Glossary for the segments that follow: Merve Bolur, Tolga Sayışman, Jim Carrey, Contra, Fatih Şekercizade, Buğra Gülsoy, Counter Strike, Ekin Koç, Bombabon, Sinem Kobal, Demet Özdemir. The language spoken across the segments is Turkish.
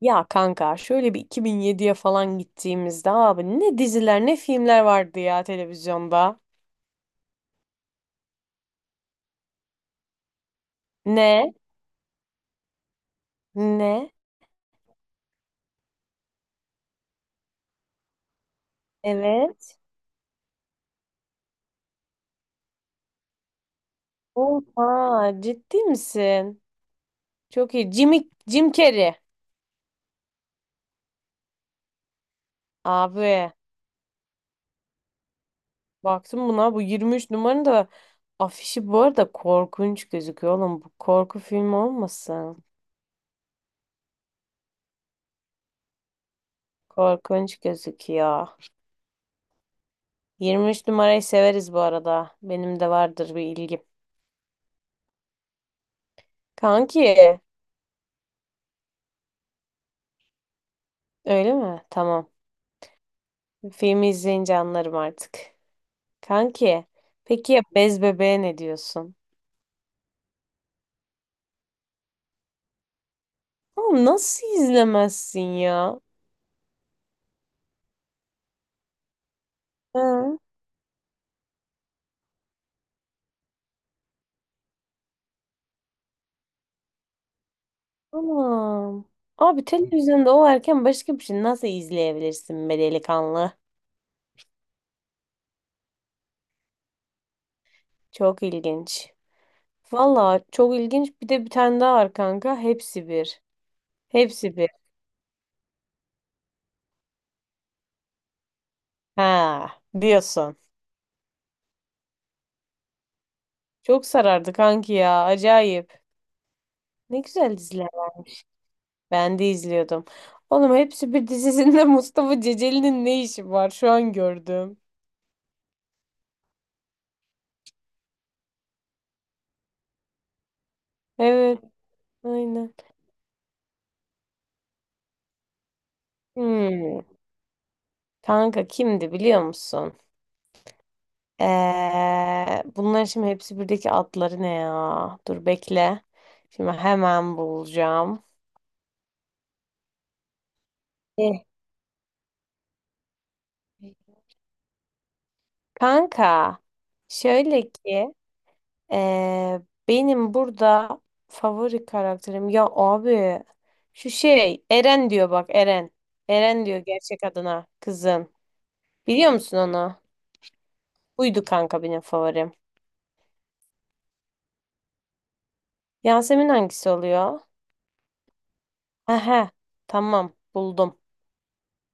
Ya kanka şöyle bir 2007'ye falan gittiğimizde abi ne diziler ne filmler vardı ya televizyonda. Ne? Ne? Evet. Oha, ciddi misin? Çok iyi. Jimmy, Jim Carrey. Abi baktım buna, bu 23 numaranın da afişi bu arada korkunç gözüküyor oğlum. Bu korku filmi olmasın? Korkunç gözüküyor. 23 numarayı severiz bu arada. Benim de vardır bir ilgim. Kanki, öyle mi? Tamam. Filmi izleyince anlarım artık. Kanki, peki ya Bez Bebeğe ne diyorsun? Oğlum nasıl izlemezsin ya? Hı. Tamam. Abi televizyonda o erken başka bir şey nasıl izleyebilirsin be delikanlı? Çok ilginç. Valla çok ilginç. Bir de bir tane daha var kanka. Hepsi bir. Hepsi bir. Ha, diyorsun. Çok sarardı kanki ya. Acayip. Ne güzel diziler. Ben de izliyordum. Oğlum, hepsi bir dizisinde Mustafa Ceceli'nin ne işi var? Şu an gördüm. Evet, aynen. Hmm. Kanka, kimdi biliyor musun? Bunların şimdi hepsi birdeki adları ne ya? Dur bekle. Şimdi hemen bulacağım. Eh. Kanka şöyle ki, Ee, benim burada favori karakterim ya abi, şu şey Eren diyor, bak, Eren. Eren diyor gerçek adına kızın. Biliyor musun onu? Buydu kanka benim favorim. Yasemin hangisi oluyor? Aha, tamam, buldum.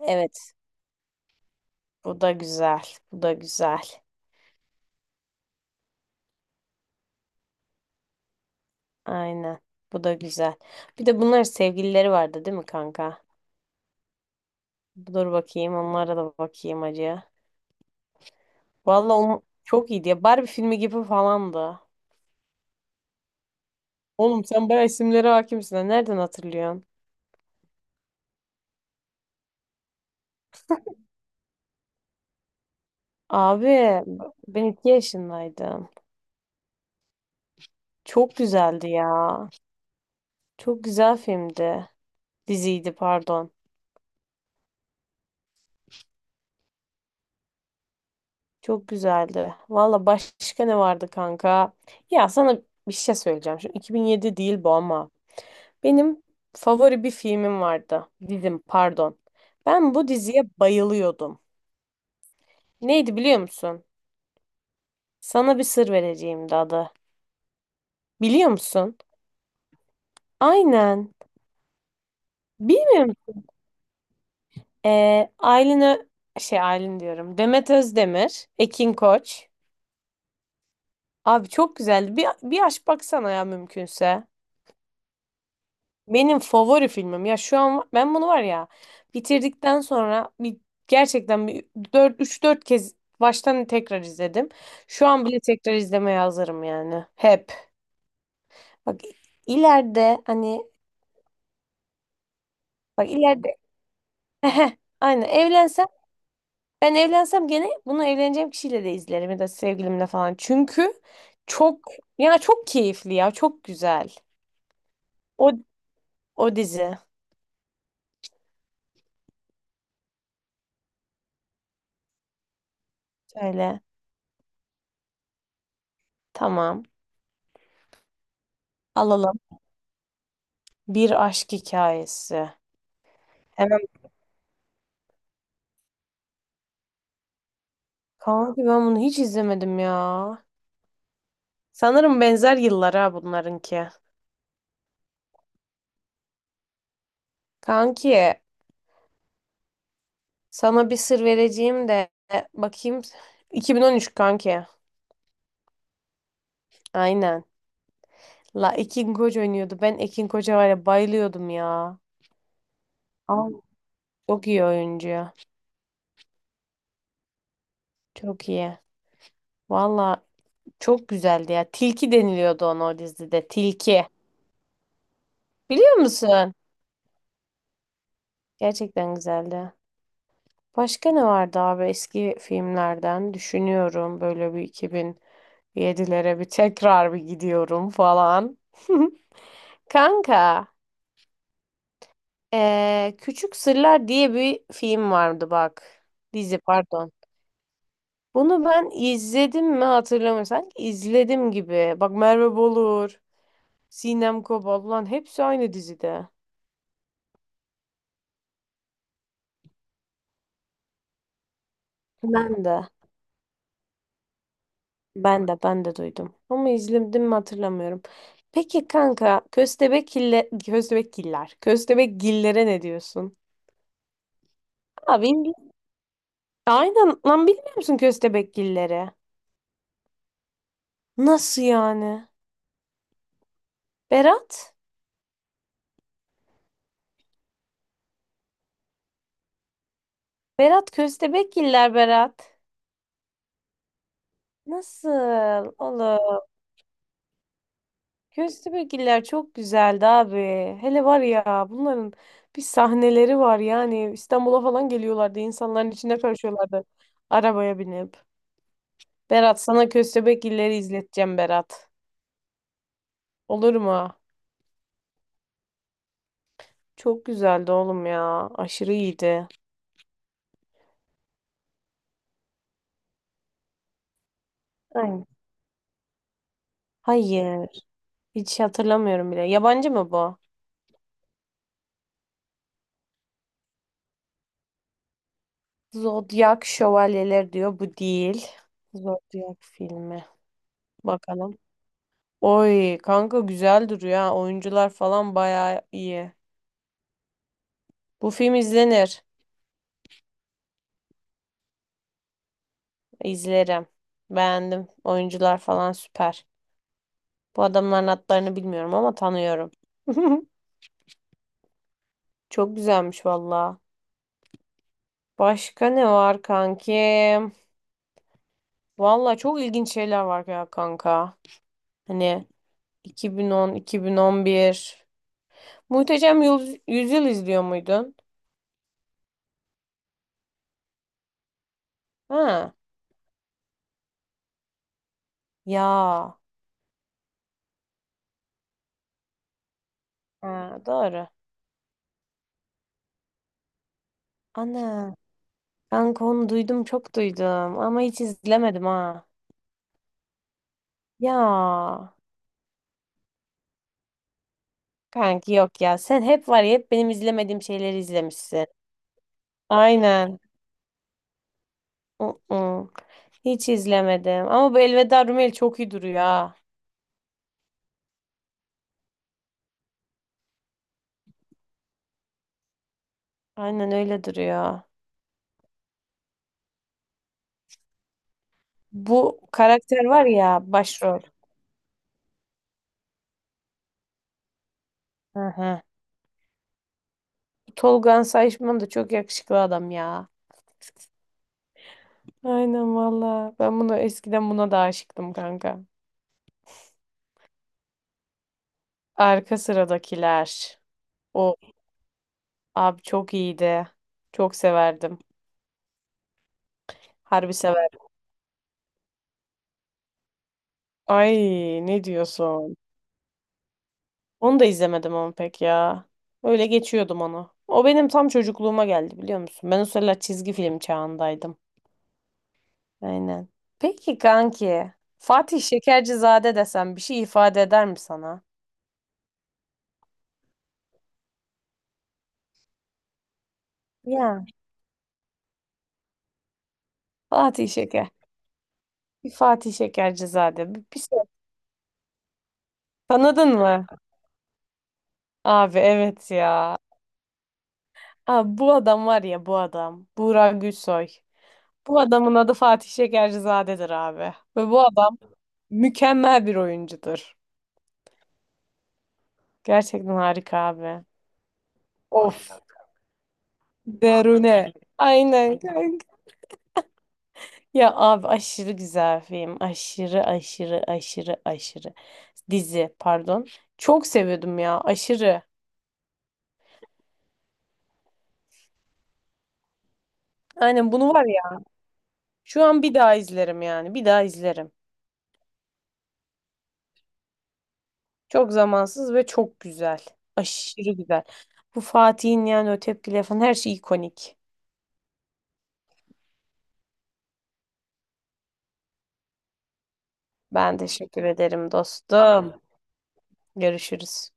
Evet, bu da güzel. Bu da güzel. Aynen. Bu da güzel. Bir de bunlar sevgilileri vardı değil mi kanka? Dur bakayım, onlara da bakayım acı. Vallahi onu çok iyiydi ya. Barbie filmi gibi falandı. Oğlum, sen bayağı isimlere hakimsin, ha. Nereden hatırlıyorsun? Abi ben iki yaşındaydım. Çok güzeldi ya. Çok güzel filmdi. Diziydi, pardon. Çok güzeldi. Valla başka ne vardı kanka? Ya sana bir şey söyleyeceğim. Şimdi 2007 değil bu ama. Benim favori bir filmim vardı. Dizim, pardon. Ben bu diziye bayılıyordum. Neydi biliyor musun? Sana bir sır vereceğim de adı. Biliyor musun? Aynen. Bilmiyorum. Aylin Ö- şey Aylin diyorum. Demet Özdemir, Ekin Koç. Abi çok güzeldi. Bir aç baksana ya, mümkünse. Benim favori filmim. Ya şu an ben bunu var ya, bitirdikten sonra bir gerçekten bir 4 3-4 kez baştan tekrar izledim. Şu an bile tekrar izlemeye hazırım yani. Hep. Bak ileride hani bak, ileride Aynen evlensem ben evlensem, gene bunu evleneceğim kişiyle de izlerim ya da sevgilimle falan. Çünkü çok, ya çok keyifli, ya çok güzel. O, o dizi. Söyle. Tamam. Alalım. Bir aşk hikayesi. Hemen. Kanki, ben bunu hiç izlemedim ya. Sanırım benzer yıllara, ha, bunlarınki. Kanki, sana bir sır vereceğim de bakayım. 2013 kanki. Aynen. La, Ekin Koç oynuyordu. Ben Ekin Koç'a var ya, bayılıyordum ya. Aa. Çok iyi oyuncu. Çok iyi. Valla çok güzeldi ya. Tilki deniliyordu ona o dizide. Tilki. Biliyor musun? Gerçekten güzeldi. Başka ne vardı abi eski filmlerden? Düşünüyorum, böyle bir 2007'lere bir tekrar bir gidiyorum falan. Kanka, Küçük Sırlar diye bir film vardı bak. Dizi, pardon. Bunu ben izledim mi hatırlamıyorum. Sanki izledim gibi. Bak, Merve Bolur, Sinem Kobal. Ulan hepsi aynı dizide. Ben de, ben de duydum. Ama izledim mi hatırlamıyorum. Peki kanka, köstebekgillere ne diyorsun? Abi, aynen lan, bilmiyor musun köstebekgilleri? Nasıl yani? Berat? Berat, köstebekgiller Berat. Nasıl oğlum? Köstebekgiller çok güzeldi abi. Hele var ya, bunların bir sahneleri var yani, İstanbul'a falan geliyorlardı. İnsanların içine karışıyorlardı arabaya binip. Berat, sana Köstebek illeri izleteceğim Berat. Olur mu? Çok güzeldi oğlum ya. Aşırı iyiydi. Aynen. Hayır. Hiç hatırlamıyorum bile. Yabancı mı bu? Zodyak Şövalyeler diyor. Bu değil. Zodyak filmi. Bakalım. Oy kanka, güzel duruyor ha. Oyuncular falan bayağı iyi. Bu film izlenir. İzlerim. Beğendim. Oyuncular falan süper. Bu adamların adlarını bilmiyorum ama tanıyorum. Çok güzelmiş valla. Başka ne var kankim? Valla çok ilginç şeyler var ya kanka. Hani 2010, 2011. Muhteşem Yüzyıl izliyor muydun? Ha. Ya. Ha, doğru. Ana. Kanka, onu duydum, çok duydum ama hiç izlemedim ha. Ya. Kanki yok ya. Sen hep var ya, hep benim izlemediğim şeyleri izlemişsin. Aynen. Uh-uh. Hiç izlemedim. Ama bu Elveda Rumeli çok iyi duruyor ha. Aynen öyle duruyor. Bu karakter var ya, başrol. Hı hı. Tolga Sayışman da çok yakışıklı adam ya. Aynen valla. Ben bunu eskiden, buna da aşıktım kanka. Arka sıradakiler. O abi çok iyiydi. Çok severdim. Harbi severdim. Ay, ne diyorsun? Onu da izlemedim ama pek ya. Öyle geçiyordum onu. O benim tam çocukluğuma geldi, biliyor musun? Ben o sıralar çizgi film çağındaydım. Aynen. Peki kanki, Fatih Şekercizade desem bir şey ifade eder mi sana? Ya. Fatih Şeker. Bir Fatih Şekercizade. Bir şey. Tanıdın mı? Abi evet ya. Abi, bu adam var ya, bu adam. Buğra Gülsoy. Bu adamın adı Fatih Şekercizade'dir abi. Ve bu adam mükemmel bir oyuncudur. Gerçekten harika abi. Of. Derune. Aynen kanka. Ya abi, aşırı güzel film. Aşırı aşırı aşırı aşırı. Dizi, pardon. Çok seviyordum ya, aşırı. Aynen, bunu var ya, şu an bir daha izlerim yani. Bir daha izlerim. Çok zamansız ve çok güzel. Aşırı güzel. Bu Fatih'in yani, o tepkileri falan, her şey ikonik. Ben teşekkür ederim dostum. Görüşürüz.